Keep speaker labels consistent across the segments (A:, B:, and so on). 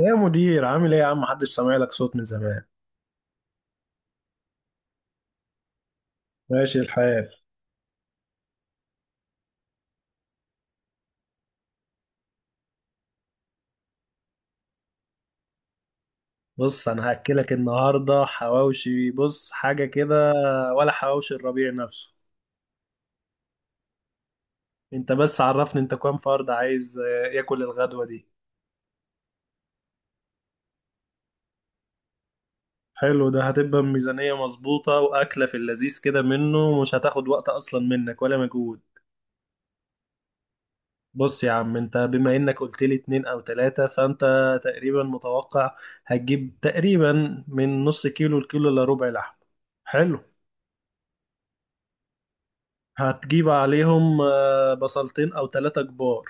A: يا مدير عامل ايه يا عم؟ محدش سامع لك صوت من زمان. ماشي الحال. بص انا هاكلك النهارده حواوشي، بص حاجه كده. ولا حواوشي الربيع نفسه. انت بس عرفني انت كام فرد عايز ياكل الغدوه دي. حلو، ده هتبقى ميزانيه مظبوطه واكله في اللذيذ كده، منه مش هتاخد وقت اصلا منك ولا مجهود. بص يا عم، انت بما انك قلت لي اتنين او تلاتة فانت تقريبا متوقع هتجيب تقريبا من نص كيلو لكيلو الا ربع لحم. حلو. هتجيب عليهم بصلتين او ثلاثة كبار.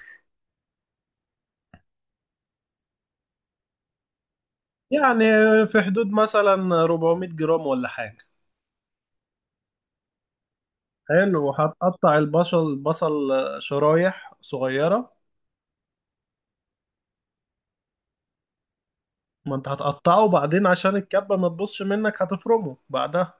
A: يعني في حدود مثلا 400 جرام ولا حاجة. حلو، وهتقطع البصل شرايح صغيرة. ما انت هتقطعه، وبعدين عشان الكبة ما تبصش منك هتفرمه بعدها.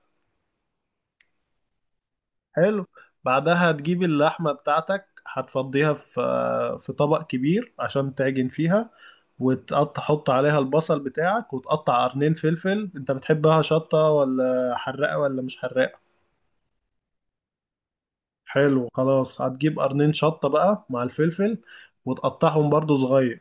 A: حلو. بعدها هتجيب اللحمة بتاعتك، هتفضيها آه، في طبق كبير عشان تعجن فيها، وتقطع، حط عليها البصل بتاعك وتقطع قرنين فلفل. انت بتحبها شطة ولا حراقة ولا مش حراقة؟ حلو، خلاص هتجيب قرنين شطة بقى مع الفلفل وتقطعهم برضو صغير.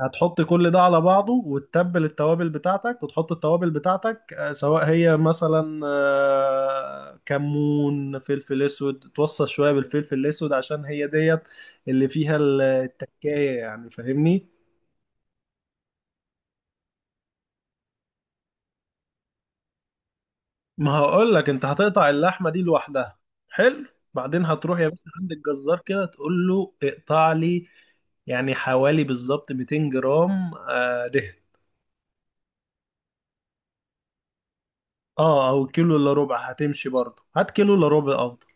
A: هتحط كل ده على بعضه وتتبل التوابل بتاعتك، وتحط التوابل بتاعتك، سواء هي مثلا كمون، فلفل اسود، توصل شوية بالفلفل الاسود عشان هي ديت اللي فيها التكاية، يعني فاهمني. ما هقول لك، انت هتقطع اللحمة دي لوحدها. حلو. بعدين هتروح يا باشا عند الجزار كده تقول له اقطع لي يعني حوالي بالظبط 200 جرام دهن. اه، او كيلو الا ربع هتمشي برضه، هات كيلو الا ربع افضل.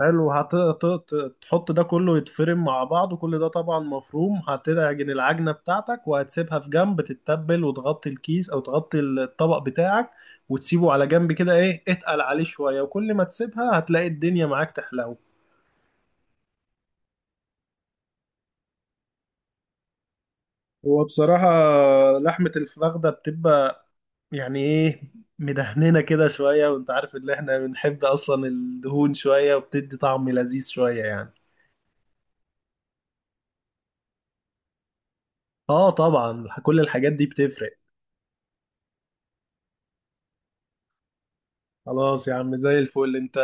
A: حلو، هتحط ده كله يتفرم مع بعض، وكل ده طبعا مفروم. هتعجن العجنة بتاعتك وهتسيبها في جنب تتبل، وتغطي الكيس او تغطي الطبق بتاعك وتسيبه على جنب كده، ايه، اتقل عليه شوية، وكل ما تسيبها هتلاقي الدنيا معاك تحلو. هو بصراحة لحمة الفخدة بتبقى يعني ايه، مدهننا كده شوية، وانت عارف ان احنا بنحب اصلا الدهون شوية، وبتدي طعم لذيذ شوية يعني. اه طبعا، كل الحاجات دي بتفرق. خلاص يا عم زي الفل. انت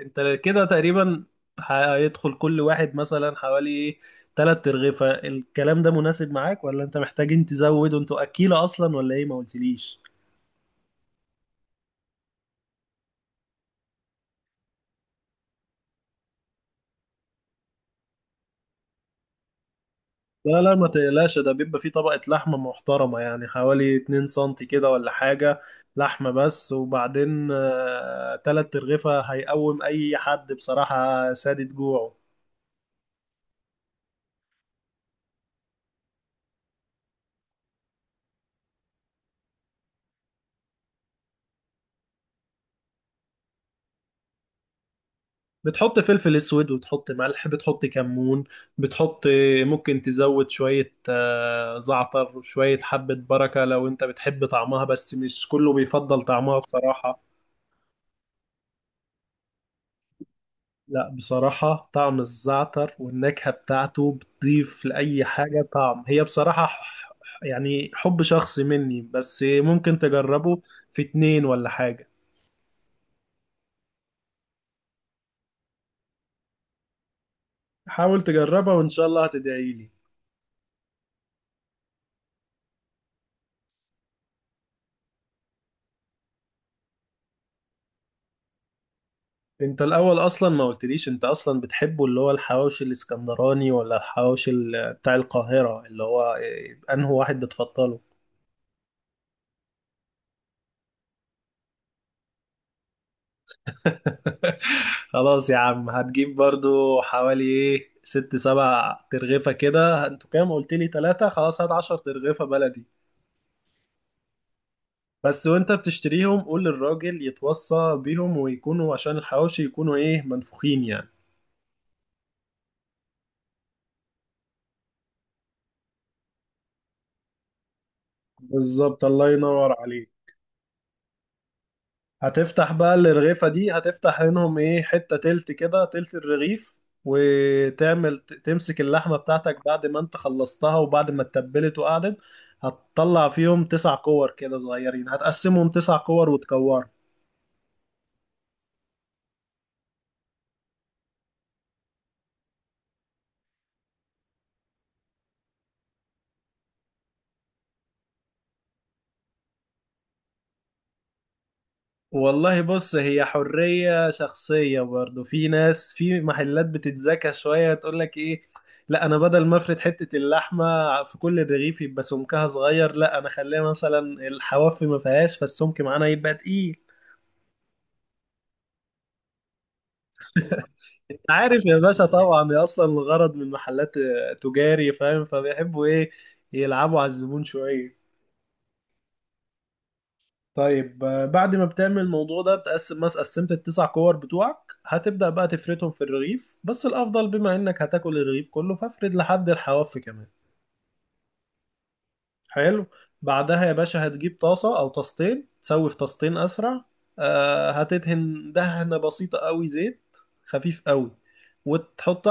A: انت كده تقريبا هيدخل كل واحد مثلا حوالي ايه، تلات ترغيفة. الكلام ده مناسب معاك ولا انت محتاجين تزود وانتوا اكيلة اصلا ولا ايه؟ ما قلتليش. لا، ما تقلقش، ده بيبقى فيه طبقة لحمة محترمة، يعني حوالي 2 سنتي كده ولا حاجة، لحمة بس. وبعدين تلات ترغيفة هيقوم أي حد بصراحة سادد جوعه. بتحط فلفل أسود، وتحط ملح، بتحط كمون، بتحط، ممكن تزود شوية زعتر وشوية حبة بركة لو أنت بتحب طعمها، بس مش كله بيفضل طعمها بصراحة. لا بصراحة، طعم الزعتر والنكهة بتاعته بتضيف لأي حاجة طعم، هي بصراحة يعني حب شخصي مني، بس ممكن تجربه في اتنين ولا حاجة. حاول تجربها وإن شاء الله هتدعيلي. انت الأول أصلا ما قلتليش، انت أصلا بتحبه اللي هو الحواوشي الإسكندراني ولا الحواوشي بتاع القاهرة؟ اللي هو إيه، أنهي واحد بتفضله؟ خلاص يا عم هتجيب برضو حوالي ايه ست سبع ترغيفة كده. انتوا كام قلت لي؟ تلاتة، خلاص هات عشر ترغيفة بلدي بس. وانت بتشتريهم قول للراجل يتوصى بيهم ويكونوا عشان الحواوشي يكونوا ايه، منفوخين يعني. بالظبط، الله ينور عليك. هتفتح بقى الرغيفة دي، هتفتح منهم ايه، حتة تلت كده، تلت الرغيف. وتعمل تمسك اللحمة بتاعتك بعد ما انت خلصتها وبعد ما اتبلت وقعدت. هتطلع فيهم تسع كور كده صغيرين، هتقسمهم تسع كور وتكورهم. والله بص، هي حرية شخصية، برضو في ناس في محلات بتتذكى شوية تقول لك ايه، لا انا بدل ما افرد حتة اللحمة في كل الرغيف يبقى سمكها صغير، لا انا خليها مثلا الحواف ما فيهاش فالسمك معانا يبقى تقيل. عارف يا باشا طبعا، هي اصلا الغرض من محلات تجاري، فاهم، فبيحبوا ايه، يلعبوا على الزبون شويه. طيب بعد ما بتعمل الموضوع ده، بتقسم مثلا قسمت التسع كور بتوعك، هتبدأ بقى تفردهم في الرغيف، بس الافضل بما انك هتاكل الرغيف كله فافرد لحد الحواف كمان. حلو. بعدها يا باشا هتجيب طاسه او طاستين، تسوي في طاستين اسرع. هتدهن دهنه بسيطه قوي، زيت خفيف قوي، وتحط.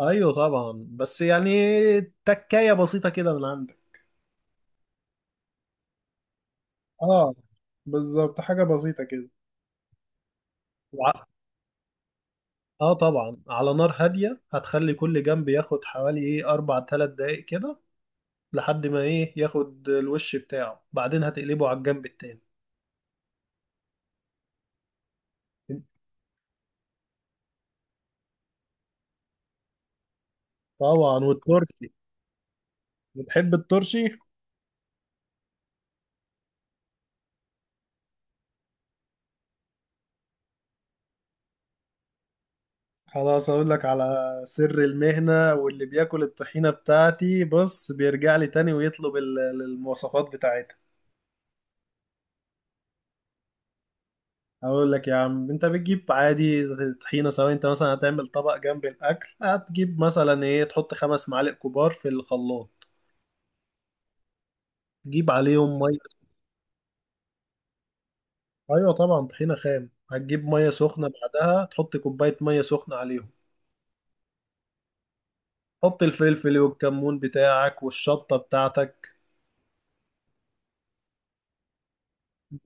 A: ايوه طبعا، بس يعني تكاية بسيطة كده من عندك. اه بالظبط، حاجة بسيطة كده. وع- اه طبعا، على نار هادية، هتخلي كل جنب ياخد حوالي ايه، اربع تلات دقايق كده، لحد ما ايه، ياخد الوش بتاعه، بعدين هتقلبه على الجنب التاني. طبعا، والترشي. بتحب الترشي؟ خلاص اقول لك على سر المهنة، واللي بياكل الطحينة بتاعتي بص بيرجع لي تاني ويطلب المواصفات بتاعتها. اقول لك يا عم، انت بتجيب عادي طحينه، سواء انت مثلا هتعمل طبق جنب الاكل، هتجيب مثلا ايه، تحط خمس معالق كبار في الخلاط، تجيب عليهم ميه. ايوه طبعا طحينه خام، هتجيب ميه سخنه، بعدها تحط كوبايه ميه سخنه عليهم. حط الفلفل والكمون بتاعك والشطه بتاعتك.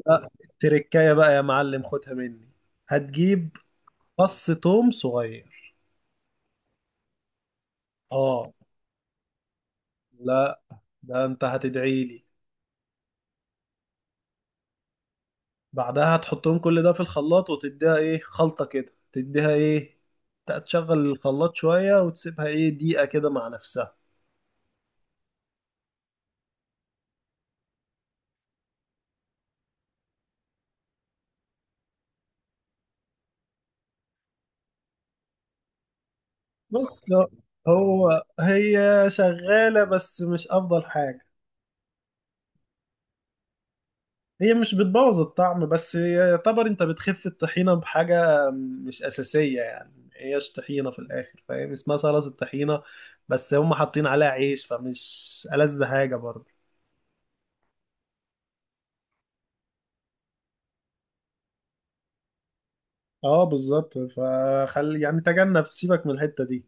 A: لا التركايه بقى يا معلم، خدها مني، هتجيب فص توم صغير. اه لا، ده انت هتدعي لي. بعدها تحطهم كل ده في الخلاط وتديها ايه، خلطة كده، تديها ايه، تشغل الخلاط شوية وتسيبها ايه، دقيقة كده مع نفسها. بص هو هي شغالة، بس مش أفضل حاجة. هي مش بتبوظ الطعم، بس هي يعتبر انت بتخف الطحينة بحاجة مش أساسية، يعني هيش طحينة في الآخر، فاهم، اسمها سلطة الطحينة، بس هم حاطين عليها عيش فمش ألذ حاجة برضه. اه بالظبط، فخلي يعني تجنب، سيبك من الحتة دي.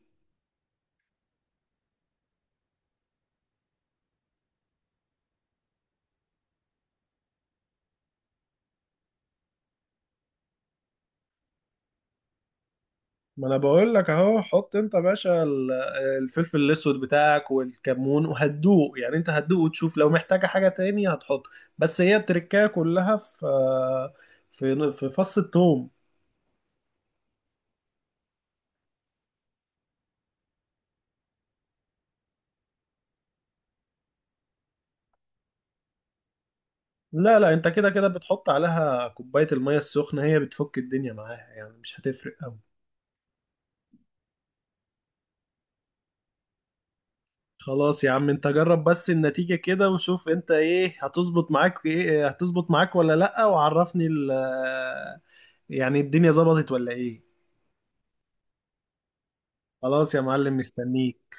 A: ما انا بقول لك اهو، حط انت يا باشا الفلفل الاسود بتاعك والكمون، وهتدوق يعني، انت هتدوق وتشوف لو محتاجة حاجة تاني هتحط. بس هي التركية كلها في في فص الثوم. لا، انت كده كده بتحط عليها كوباية المية السخنة، هي بتفك الدنيا معاها، يعني مش هتفرق قوي. خلاص يا عم انت جرب بس النتيجة كده وشوف، انت ايه هتظبط معاك ايه هتظبط معاك ولا لأ، وعرفني ال، يعني الدنيا ظبطت ولا ايه. خلاص يا معلم مستنيك.